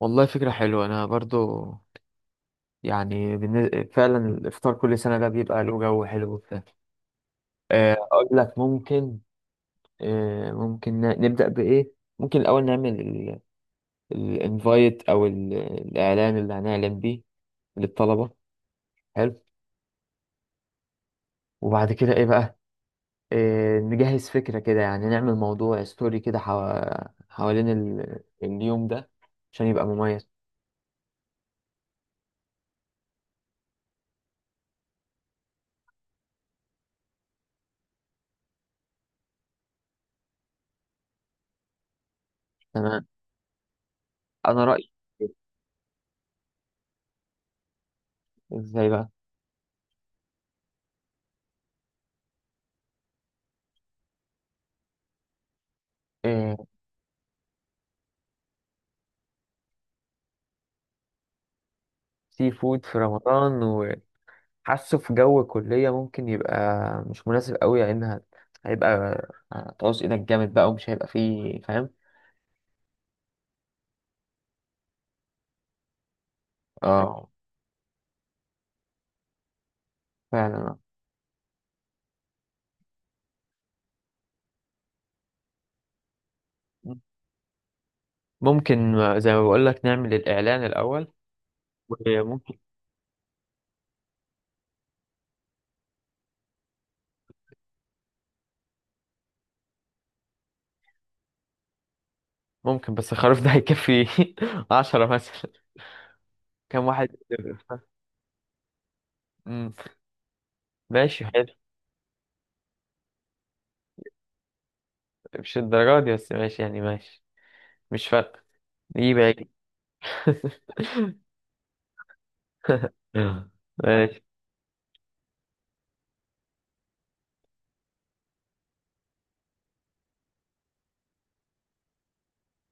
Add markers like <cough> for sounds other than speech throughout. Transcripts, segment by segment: والله فكرة حلوة. أنا برضو فعلا الإفطار كل سنة ده بيبقى له جو حلو وبتاع. أقول لك ممكن. ممكن نبدأ بإيه. ممكن الأول نعمل الانفايت أو الإعلان اللي هنعلن بيه للطلبة. حلو. وبعد كده إيه بقى؟ نجهز فكرة كده، يعني نعمل موضوع ستوري كده حوالين اليوم ده عشان يبقى مميز. تمام. أنا رأيي إيه؟ إزاي بقى؟ آه، سي فود في رمضان؟ حاسه في جو الكلية ممكن يبقى مش مناسب قوي، لأنها هيبقى هتعوز إيدك جامد بقى، ومش هيبقى فيه فاهم. اه، فعلا. ممكن زي ما بقول لك، نعمل الإعلان الأول. وممكن، ممكن بس خلاص ده هيكفي <laughs> 10 مثلا. كم واحد؟ مم. ماشي، حلو. مش الدرجة دي، بس ماشي يعني ماشي. مش فارقة. دي باقي. <laughs> ماشي.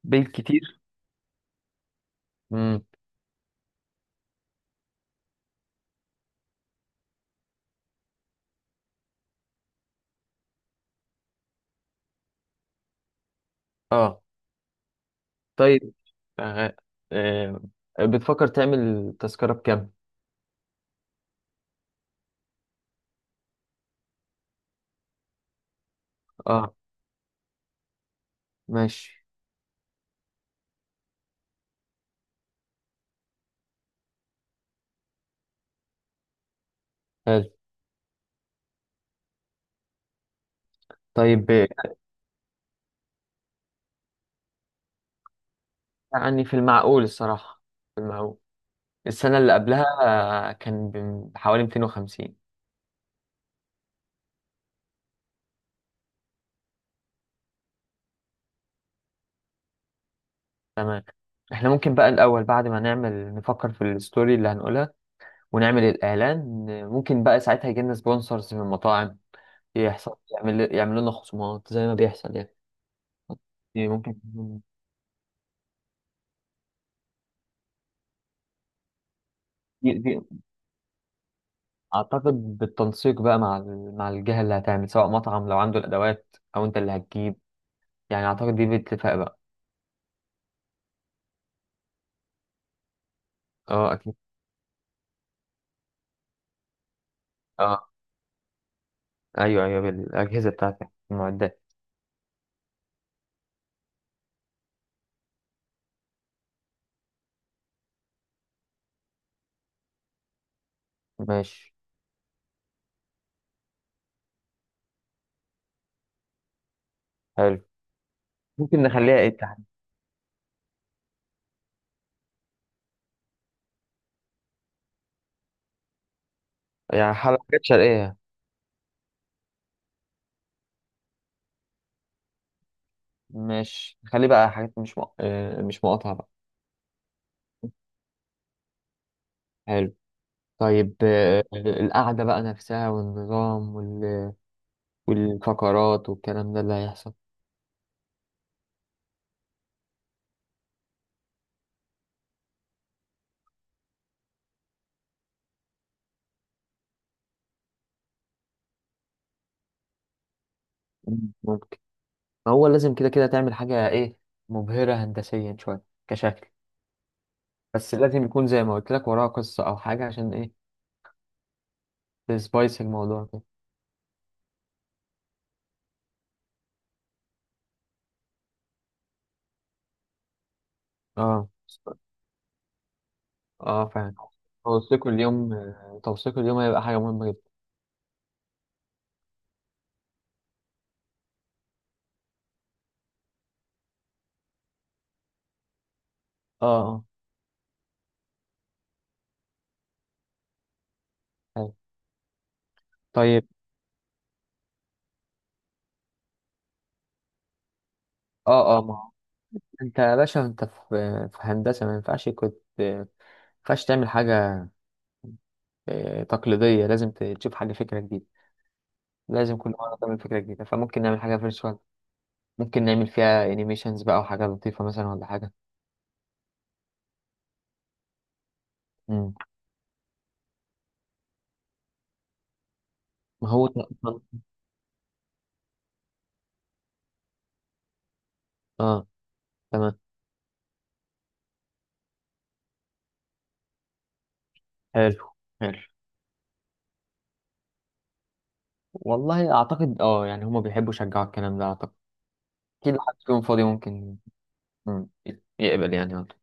بالكتير. مم. اه. طيب، شغال. آه، بتفكر تعمل تذكرة بكام؟ اه. ماشي. حلو. طيب. يعني في المعقول الصراحة، في المعقول. السنة اللي قبلها كان بحوالي 250. تمام. احنا ممكن بقى الأول، بعد ما نعمل نفكر في الستوري اللي هنقولها ونعمل الإعلان، ممكن بقى ساعتها يجيلنا سبونسرز من المطاعم، يحصل يعملوا لنا خصومات زي ما بيحصل يعني. دي ممكن. اعتقد بالتنسيق بقى مع مع الجهه اللي هتعمل، سواء مطعم لو عنده الادوات او انت اللي هتجيب. يعني اعتقد دي باتفاق بقى. اه اكيد. اه ايوه ايوه، بالاجهزه بتاعتك، المعدات. ماشي. حلو. ممكن نخليها ايه تحت؟ يعني حاجه، حاجات شرقيه. ماشي، خلي بقى حاجات مش مق... آه، مش مقاطعة بقى. حلو. طيب. القعدة بقى نفسها والنظام والفقرات والكلام ده اللي هيحصل. ممكن. ما هو لازم كده كده تعمل حاجة ايه، مبهرة هندسيا شوية كشكل. بس لازم يكون زي ما قلت لك وراها قصة أو حاجة، عشان إيه، تسبايس الموضوع كده. اه اه فعلا. توثيق اليوم، توثيق اليوم هيبقى حاجة مهمة جدا. اه اه. حلو. طيب. اه اه. ما هو انت يا باشا، انت في، في هندسة، ما ينفعش كنت ما ينفعش تعمل حاجة تقليدية. لازم تشوف حاجة، فكرة جديدة. لازم كل مرة تعمل فكرة جديدة. فممكن نعمل حاجة فيرتشوال، ممكن نعمل فيها انيميشنز بقى وحاجة لطيفة مثلا، ولا حاجة. مم. ما هو ت- اه. تمام. حلو حلو. والله اعتقد اه، يعني هما بيحبوا يشجعوا الكلام ده اعتقد. اكيد لو حد فيهم فاضي ممكن، مم، يقبل يعني عنده.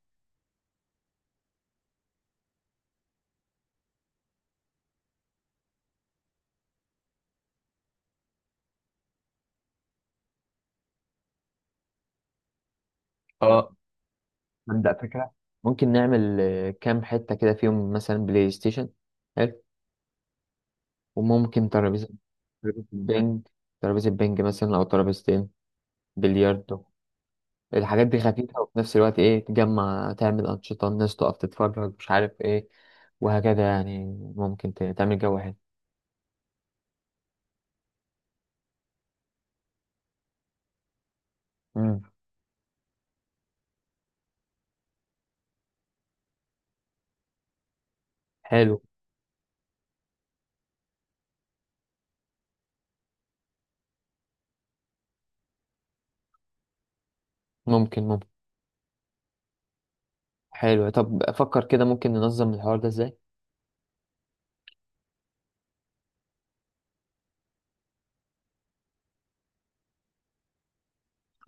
اه. نبدأ فكرة. ممكن نعمل كام حتة كده فيهم، مثلا بلاي ستيشن. حلو. وممكن ترابيزة، ترابيزة بينج ترابيزة بينج مثلا، أو ترابيزتين، بلياردو. الحاجات دي خفيفة وفي نفس الوقت إيه، تجمع، تعمل أنشطة، الناس تقف تتفرج، مش عارف إيه، وهكذا يعني. ممكن تعمل جو حلو. مم. حلو. ممكن، ممكن. حلو. طب افكر كده، ممكن ننظم الحوار ده ازاي.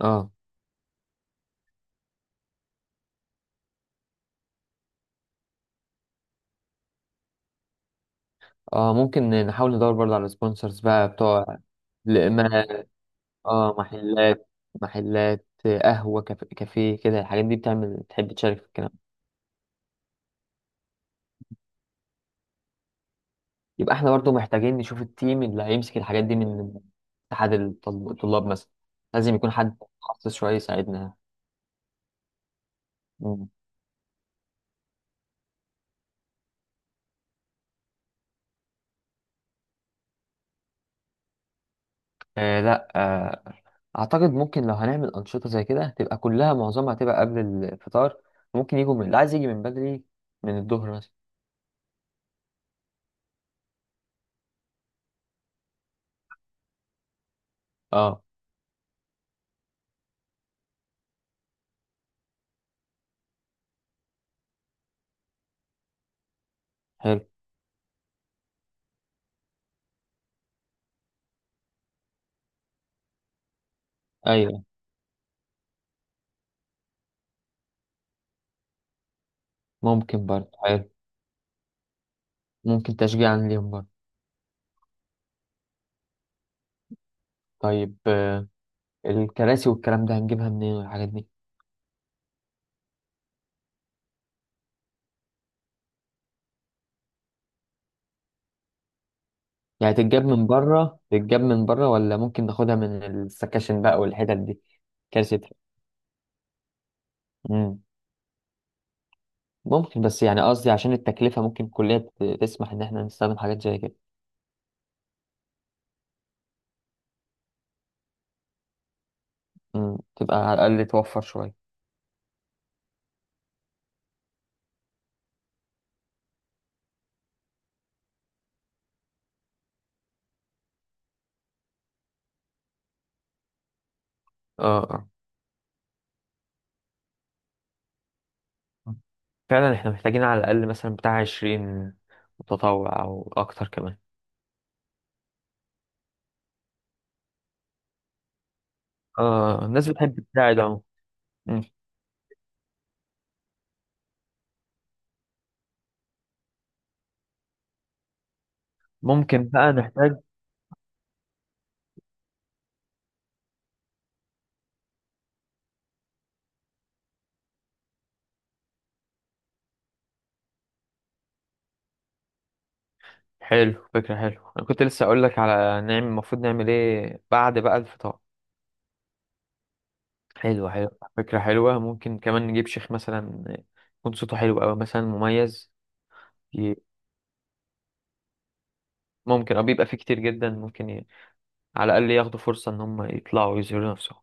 اه اه. ممكن نحاول ندور برضه على سبونسرز بقى بتوع. ل- ما اه، محلات، محلات قهوة، كافيه، كده. الحاجات دي بتعمل، تحب تشارك في الكلام. يبقى احنا برضه محتاجين نشوف التيم اللي هيمسك الحاجات دي من اتحاد الطلاب مثلا. لازم يكون حد متخصص شوية يساعدنا. لا. اعتقد ممكن، لو هنعمل انشطه زي كده تبقى كلها، معظمها هتبقى قبل الفطار. ممكن يجوا من، اللي عايز يجي من بدري، من الظهر مثلا. اه. حلو. ايوه. ممكن برضه، حلو. ممكن تشجيعا ليهم برضه. طيب. الكراسي والكلام ده هنجيبها منين، والحاجات دي؟ يعني تتجاب من بره، ولا ممكن ناخدها من السكاشن بقى والحتت دي؟ كراسي. مم. ممكن، بس يعني قصدي عشان التكلفه ممكن الكليه تسمح ان احنا نستخدم حاجات زي كده. تبقى على الاقل توفر شويه. اه. آه. فعلا، احنا محتاجين على الأقل مثلا بتاع 20 متطوع، أو أكتر كمان. اه. الناس بتحب تساعد اهو. مم. ممكن بقى نحتاج. حلو، فكرة حلو. أنا كنت لسه أقول لك على نعمل، المفروض نعمل إيه بعد بقى الفطار. حلو حلو. فكرة حلوة. ممكن كمان نجيب شيخ مثلا، يكون صوته حلو أوي مثلا، مميز. ي- ممكن، أو بيبقى فيه كتير جدا ممكن ي... على الأقل ياخدوا فرصة إن هم يطلعوا ويظهروا نفسهم.